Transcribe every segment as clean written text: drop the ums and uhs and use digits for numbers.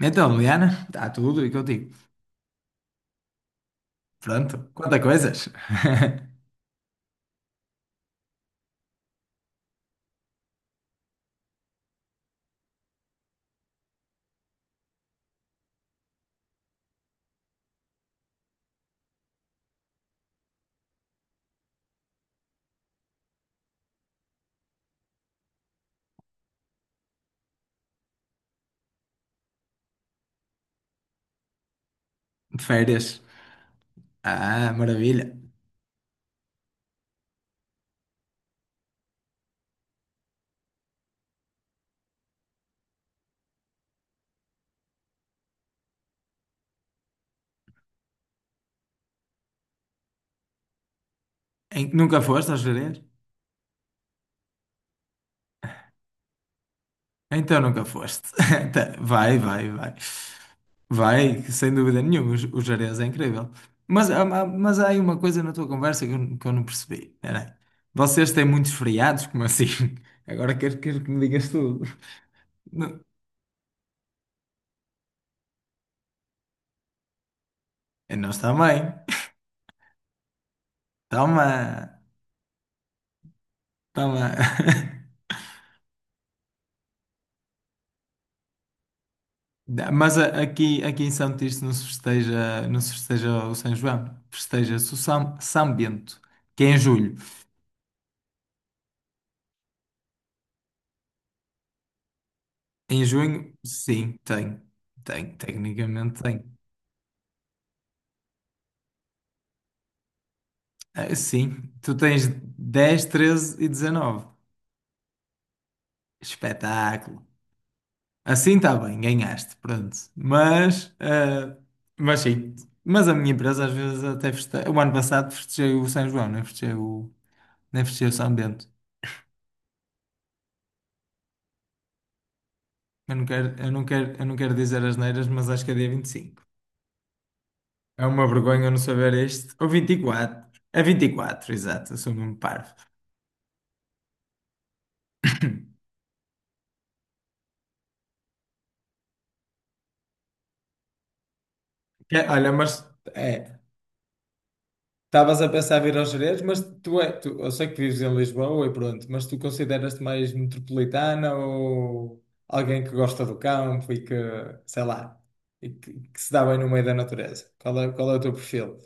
Então, Liana, está tudo e contigo. Pronto, quanta coisas. De férias. Ah, maravilha. Nunca foste às férias? Então nunca foste. Tá, vai, vai, vai. Vai, sem dúvida nenhuma, os Jerez é incrível. Mas há aí uma coisa na tua conversa que eu não percebi. Espera aí. Vocês têm muitos feriados, como assim? Agora quero que me digas tudo. Não- Nós também. Toma, toma. Mas aqui em São Tirso não se festeja o São João, festeja-se o São Bento, que é em julho. Em junho, sim, tem, tecnicamente tem. Ah, sim, tu tens 10, 13 e 19. Espetáculo. Assim está bem, ganhaste, pronto. Mas sim, mas a minha empresa às vezes até festeja. O ano passado festejei o São João, não festejei o São Bento. Eu não quero, eu não quero, eu não quero dizer as neiras, mas acho que é dia 25. É uma vergonha eu não saber este. Ou 24. É 24, exato, eu sou mesmo parvo. É, olha, mas é, estavas a pensar vir aos Jerez, mas tu, eu sei que vives em Lisboa e pronto, mas tu consideras-te mais metropolitana ou alguém que gosta do campo e que, sei lá, e que se dá bem no meio da natureza? Qual é o teu perfil?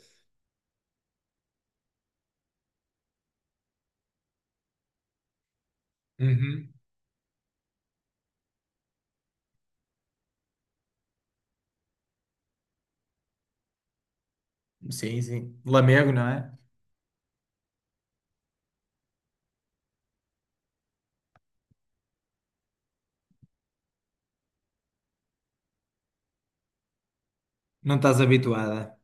Uhum. Sim, sim. Lamego, não é? Não estás habituada.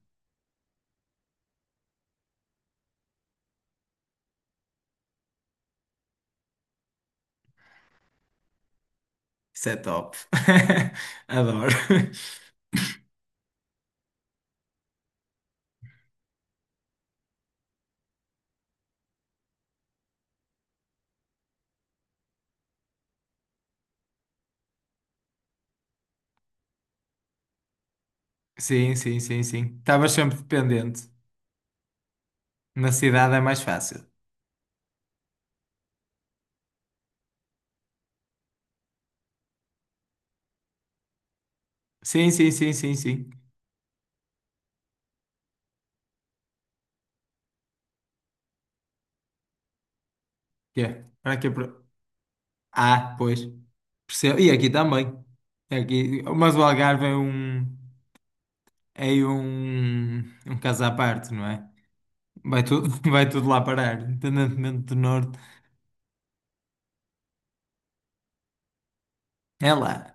Isso é top. Adoro. Sim, sim, sim, sim. Estavas sempre dependente. Na cidade é mais fácil. Sim, sim, sim, sim, sim. Yeah. Ah, pois. Percebo. E aqui também. Mas o Algarve é um. É um. Um caso à parte, não é? Vai tudo, vai tudo lá parar, independentemente do norte. É lá.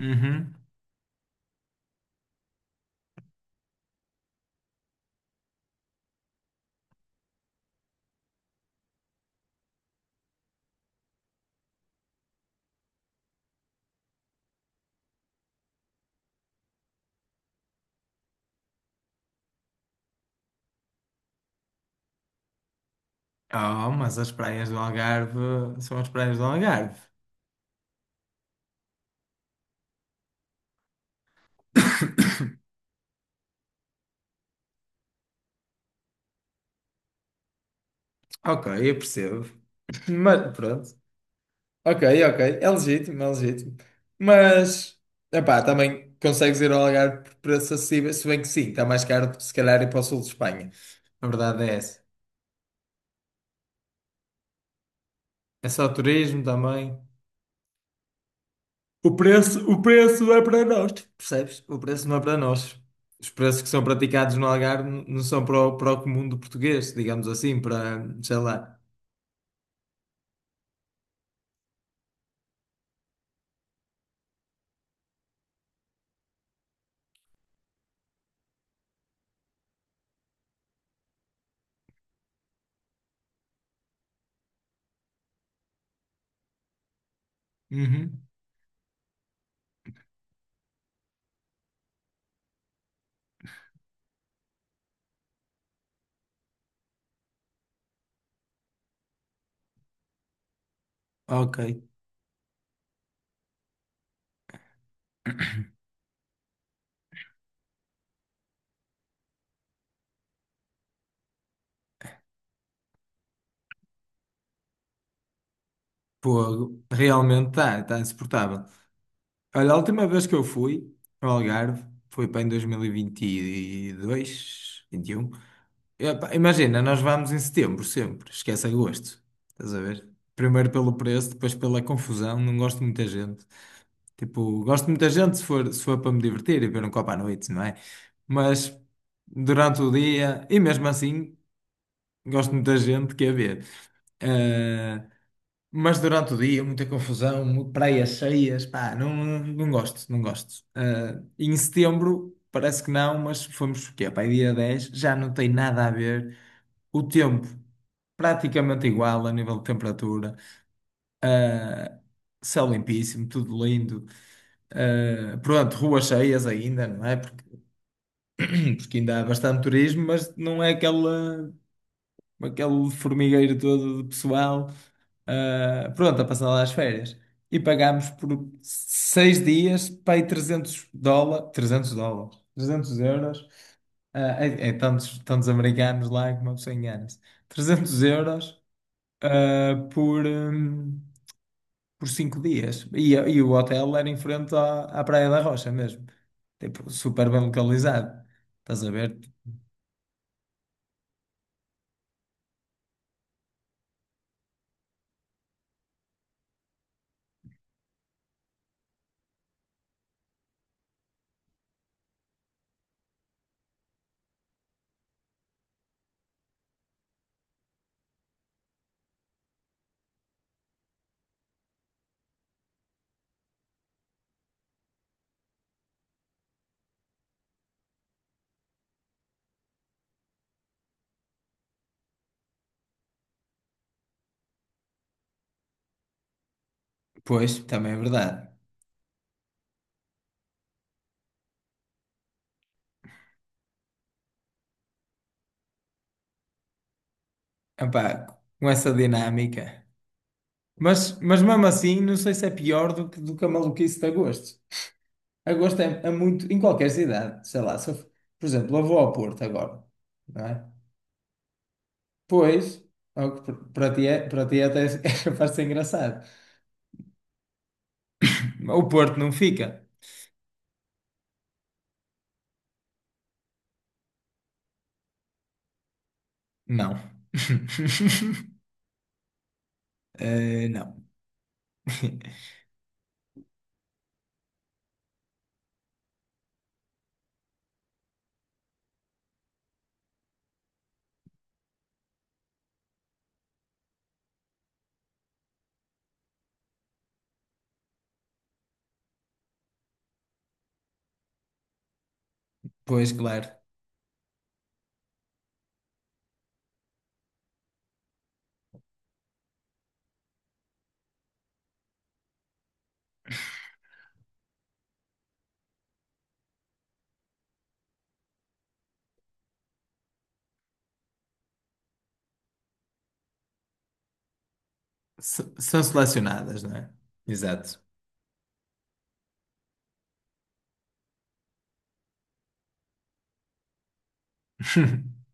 Uhum. Oh, mas as praias do Algarve são as praias do Algarve. Ok, eu percebo. Mas pronto. Ok, ok. É legítimo, é legítimo. Mas, epá, também consegues ir ao Algarve por preço acessível, se bem que sim, está mais caro do que se calhar ir para o sul de Espanha. A verdade é essa. É só turismo também. O preço não é para nós, percebes? O preço não é para nós. Os preços que são praticados no Algarve não são para o comum do português, digamos assim, para, sei lá. Uhum. Ok. Pô, realmente está insuportável. Olha, a última vez que eu fui ao Algarve foi para em 2022, 21. E, 22, 21. E, pá, imagina, nós vamos em setembro sempre, esquece agosto. Estás a ver? Primeiro pelo preço, depois pela confusão, não gosto de muita gente. Tipo, gosto de muita gente se for para me divertir e ver um copo à noite, não é? Mas durante o dia, e mesmo assim, gosto de muita gente, quer ver. Ah, mas durante o dia, muita confusão, praias cheias, pá, não, não gosto, não gosto. Ah, em setembro, parece que não, mas fomos, o quê? Pá, aí dia 10 já não tem nada a ver. O tempo, praticamente igual a nível de temperatura, céu limpíssimo, tudo lindo. Ah, pronto, ruas cheias ainda, não é? Porque ainda há bastante turismo, mas não é aquela aquele formigueiro todo de pessoal, pronto, a passar lá as férias. E pagámos por 6 dias, pai, trezentos dólares, 300 euros, ah, é tantos, tantos americanos lá que uma pessoa engana-se, 300 euros, ah, por 5 dias. E o hotel era em frente à Praia da Rocha mesmo, tipo, super bem localizado. Estás a ver? Pois, também é verdade. Epá, com essa dinâmica. Mas mesmo assim, não sei se é pior do que a maluquice de agosto. Agosto é muito, em qualquer cidade, sei lá, se eu, f- por exemplo, eu vou ao Porto agora, não é? Pois, ao que p- para ti, é, para ti até é capaz de ser engraçado. O Porto não fica? Não. Não. Pois, claro. São selecionadas, não é? Exato.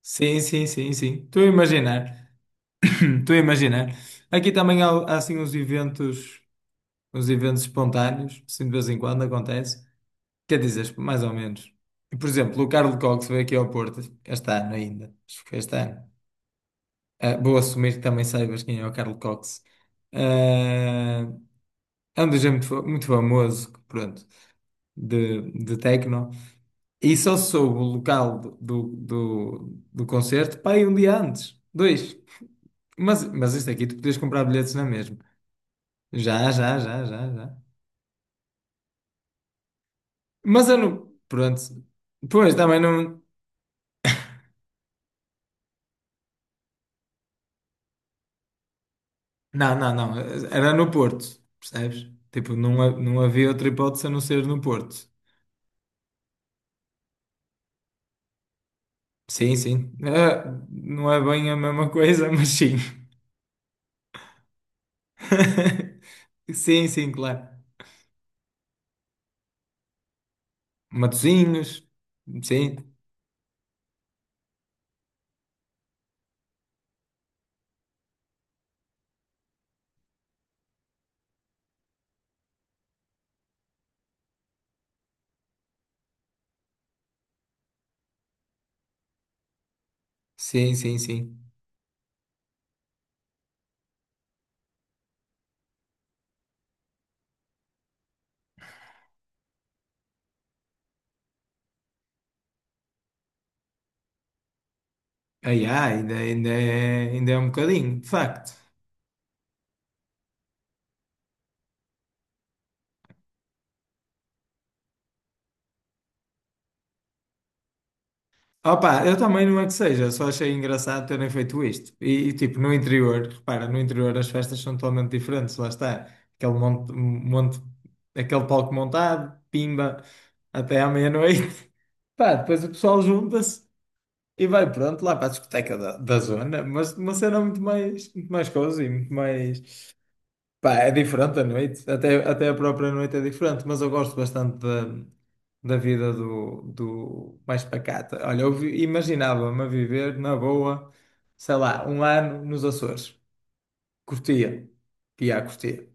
Sim, sim, sim, sim. Estou a imaginar. Estou a imaginar. Aqui também há assim uns eventos. Os eventos espontâneos, assim de vez em quando acontece. Quer dizer, mais ou menos. E, por exemplo, o Carlos Cox veio aqui ao Porto, este ano ainda. Acho que foi este ano. Ah, vou assumir que também saibas quem é o Carlos Cox. Ah, é um DJ muito famoso, pronto, de techno. E só soube o local do concerto, pá, aí um dia antes. Dois. Mas isto aqui, tu podias comprar bilhetes na mesma. Já, já, já, já, já. Mas eu não. Pronto. Pois, também não. Não, não, não. Era no Porto, percebes? Tipo, não, não havia outra hipótese a não ser no Porto. Sim, sim. Ah, não é bem a mesma coisa, mas sim. Sim, sim, claro. Matosinhos. Sim, sim, sim, sim. Ai, ai, ainda é um bocadinho, de facto. Opa, eu também não é que seja, só achei engraçado terem feito isto. E, tipo, no interior, repara, no interior as festas são totalmente diferentes, lá está. Aquele monte, monte, aquele palco montado, pimba, até à meia-noite. Pá, depois o pessoal junta-se e vai pronto lá para a discoteca da zona, mas uma cena muito mais cozy, muito mais. Pá, é diferente a noite, até a própria noite é diferente, mas eu gosto bastante da vida do mais pacata. Olha, eu imaginava-me a viver na boa, sei lá, um ano nos Açores. Curtia, ia a curtir.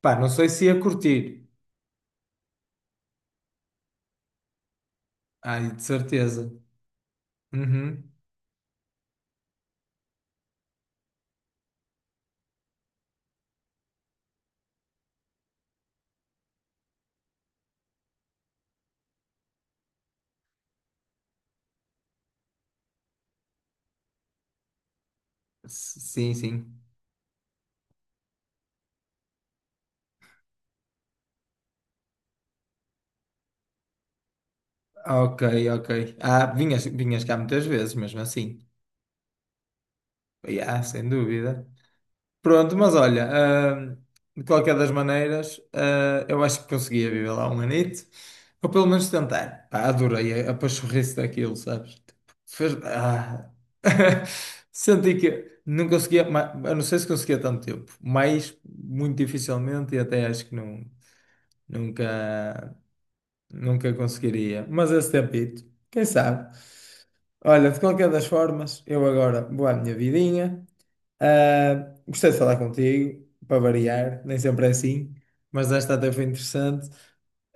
Pá, não sei se ia curtir. Ai, de certeza. Uhum. Sim, sim. Ok, ok. Ah, vinhas cá muitas vezes, mesmo assim. Ah, sem dúvida. Pronto, mas olha, ah, de qualquer das maneiras, eu acho que conseguia viver lá um anito, ou pelo menos tentar. Pá, adorei a pachorrice daquilo, sabes? Tipo, Fez, ah. Senti que não conseguia, eu não sei se conseguia tanto tempo, mas muito dificilmente e até acho que não, nunca, nunca conseguiria. Mas esse tempito, quem sabe? Olha, de qualquer das formas, eu agora vou à minha vidinha. Ah, gostei de falar contigo, para variar, nem sempre é assim, mas esta até foi interessante.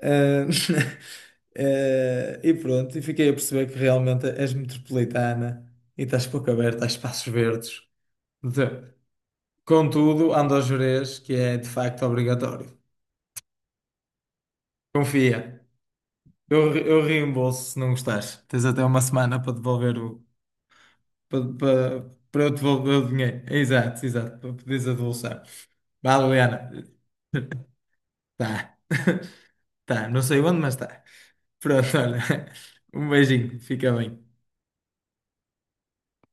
Ah, e pronto, e fiquei a perceber que realmente és metropolitana e estás pouco aberta a espaços verdes. De- Contudo, ando a jurez que é de facto obrigatório. Confia, eu reembolso se não gostares. Tens até uma semana para devolver o. para, para, para eu devolver o dinheiro. Exato, exato, para pedires a devolução. Vá, Liliana. Tá, tá, não sei onde, mas tá. Pronto, olha. Um beijinho, fica bem.